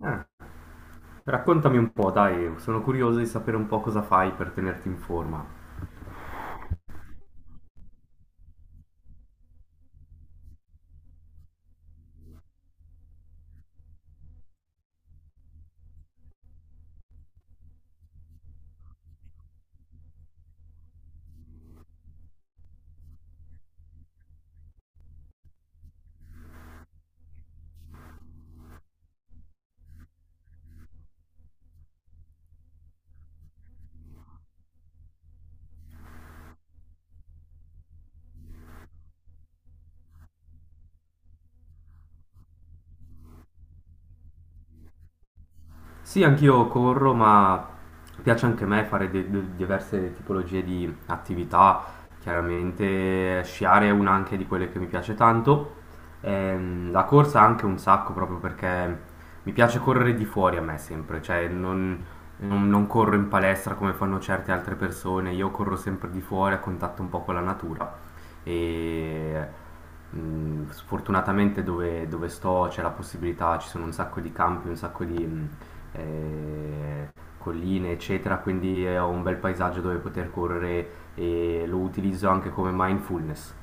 Eh, raccontami un po', dai, sono curioso di sapere un po' cosa fai per tenerti in forma. Sì, anch'io corro, ma piace anche a me fare diverse tipologie di attività. Chiaramente sciare è una anche di quelle che mi piace tanto. La corsa anche un sacco, proprio perché mi piace correre di fuori, a me sempre, cioè non, non corro in palestra come fanno certe altre persone, io corro sempre di fuori a contatto un po' con la natura. E sfortunatamente dove, dove sto c'è la possibilità, ci sono un sacco di campi, un sacco di, eh, colline, eccetera, quindi ho un bel paesaggio dove poter correre e lo utilizzo anche come mindfulness.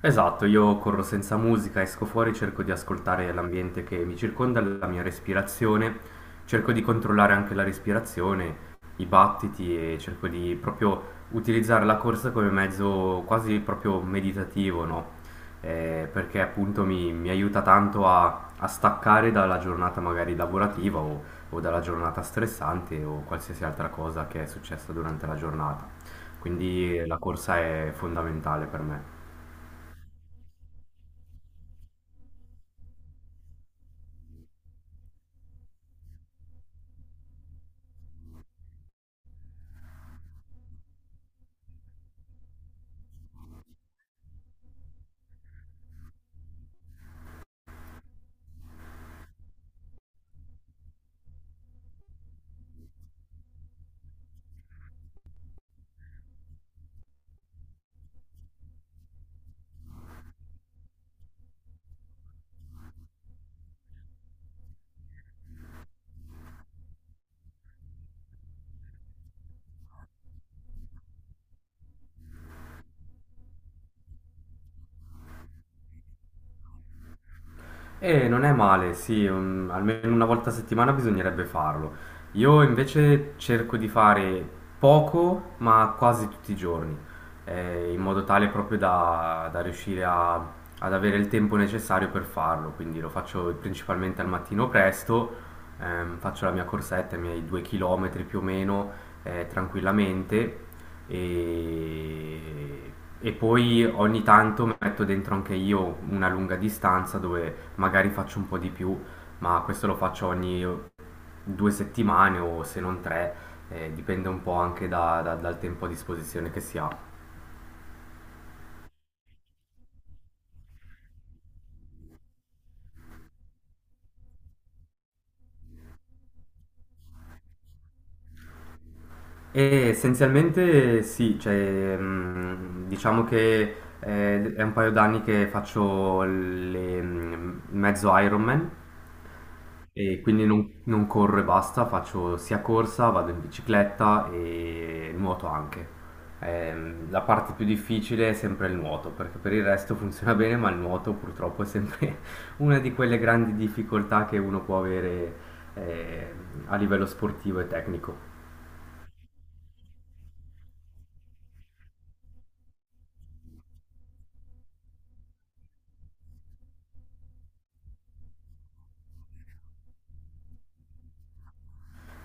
Esatto, io corro senza musica, esco fuori, cerco di ascoltare l'ambiente che mi circonda, la mia respirazione, cerco di controllare anche la respirazione, i battiti e cerco di proprio utilizzare la corsa come mezzo quasi proprio meditativo, no? Perché appunto mi aiuta tanto a staccare dalla giornata magari lavorativa o dalla giornata stressante o qualsiasi altra cosa che è successa durante la giornata. Quindi la corsa è fondamentale per me. E non è male, sì, almeno una volta a settimana bisognerebbe farlo. Io invece cerco di fare poco, ma quasi tutti i giorni, in modo tale proprio da riuscire ad avere il tempo necessario per farlo. Quindi lo faccio principalmente al mattino presto, faccio la mia corsetta, i miei 2 km più o meno, tranquillamente e, e poi ogni tanto metto dentro anche io una lunga distanza dove magari faccio un po' di più, ma questo lo faccio ogni due settimane o se non tre, dipende un po' anche dal tempo a disposizione che si ha. E essenzialmente sì, cioè, diciamo che è un paio d'anni che faccio le, mezzo Ironman. E quindi non, non corro e basta, faccio sia corsa, vado in bicicletta e nuoto anche. La parte più difficile è sempre il nuoto, perché per il resto funziona bene, ma il nuoto purtroppo è sempre una di quelle grandi difficoltà che uno può avere eh, a livello sportivo e tecnico.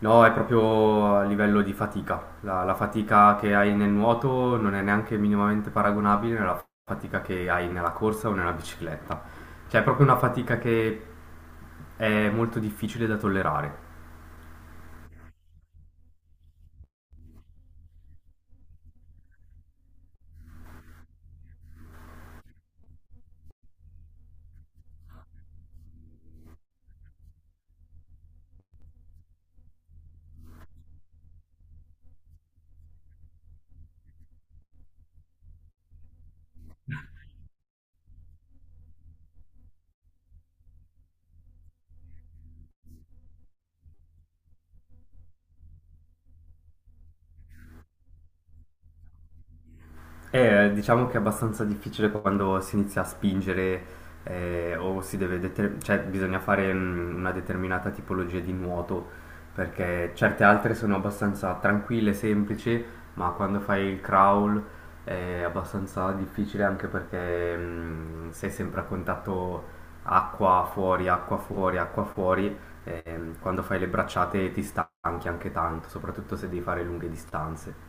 No, è proprio a livello di fatica. La fatica che hai nel nuoto non è neanche minimamente paragonabile alla fatica che hai nella corsa o nella bicicletta. Cioè, è proprio una fatica che è molto difficile da tollerare. Diciamo che è abbastanza difficile quando si inizia a spingere o si deve cioè bisogna fare una determinata tipologia di nuoto, perché certe altre sono abbastanza tranquille, semplici, ma quando fai il crawl è abbastanza difficile anche perché sei sempre a contatto, acqua fuori, acqua fuori, acqua fuori. E quando fai le bracciate ti stanchi anche tanto, soprattutto se devi fare lunghe distanze.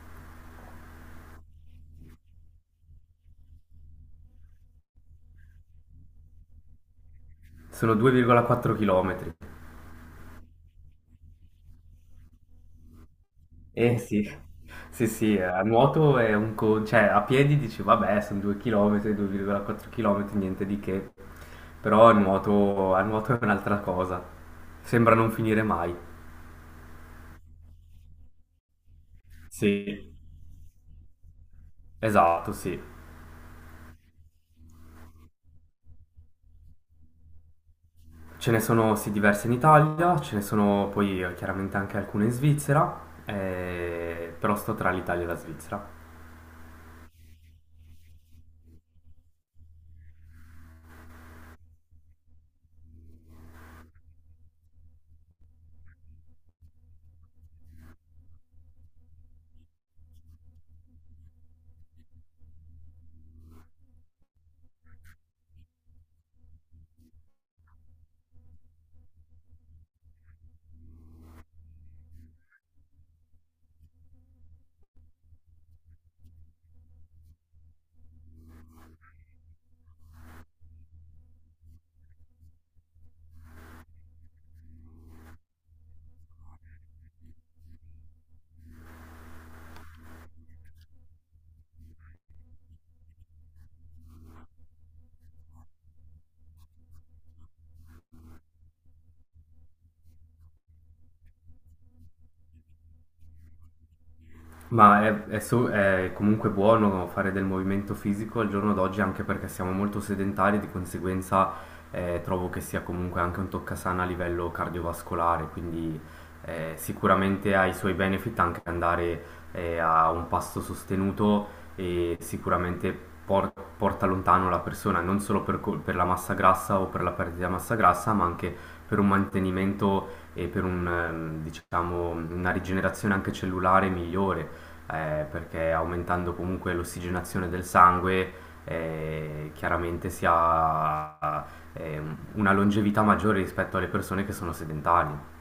Sono 2,4 km. Eh sì, sì, sì, a nuoto è un cioè a piedi dici vabbè sono 2 km, 2,4 km, niente di che, però a nuoto è un'altra cosa, sembra non finire mai. Sì, esatto, sì. Ce ne sono sì diverse in Italia, ce ne sono poi chiaramente anche alcune in Svizzera, però sto tra l'Italia e la Svizzera. Ma è è comunque buono fare del movimento fisico al giorno d'oggi, anche perché siamo molto sedentari, di conseguenza trovo che sia comunque anche un toccasana a livello cardiovascolare, quindi sicuramente ha i suoi benefit, anche andare a un pasto sostenuto e sicuramente porta lontano la persona, non solo per, per la massa grassa o per la perdita di massa grassa, ma anche per un mantenimento e per un, diciamo, una rigenerazione anche cellulare migliore, perché aumentando comunque l'ossigenazione del sangue, chiaramente si ha eh, una longevità maggiore rispetto alle persone che sono sedentarie.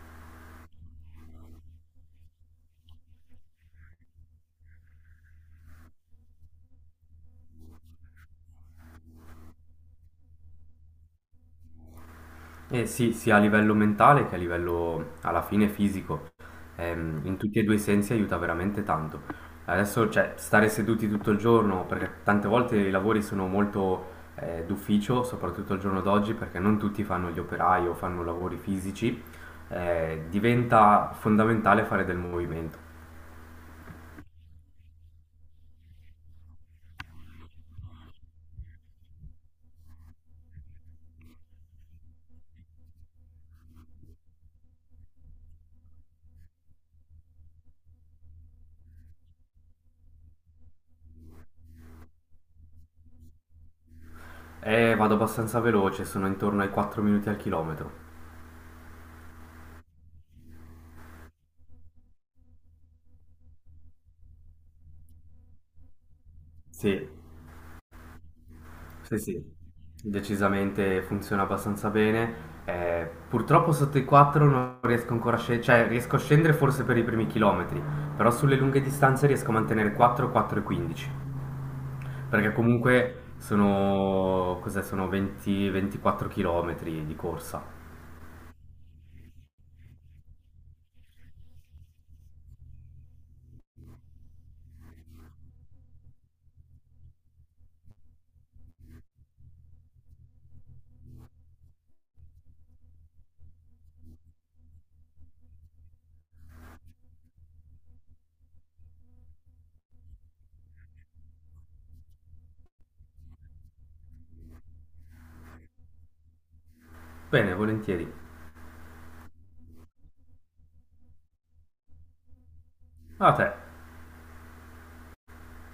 Eh sì, sia a livello mentale che a livello alla fine fisico. In tutti e due i sensi aiuta veramente tanto. Adesso, cioè, stare seduti tutto il giorno, perché tante volte i lavori sono molto d'ufficio, soprattutto al giorno d'oggi, perché non tutti fanno gli operai o fanno lavori fisici, diventa fondamentale fare del movimento. E vado abbastanza veloce, sono intorno ai 4 minuti al chilometro. Sì, sì, sì, decisamente funziona abbastanza bene. Purtroppo sotto i 4 non riesco ancora a scendere, cioè riesco a scendere forse per i primi chilometri, però sulle lunghe distanze riesco a mantenere 4, 4 e 15, perché comunque sono, cos'è, sono 20, 24 chilometri di corsa. Bene, volentieri. A te.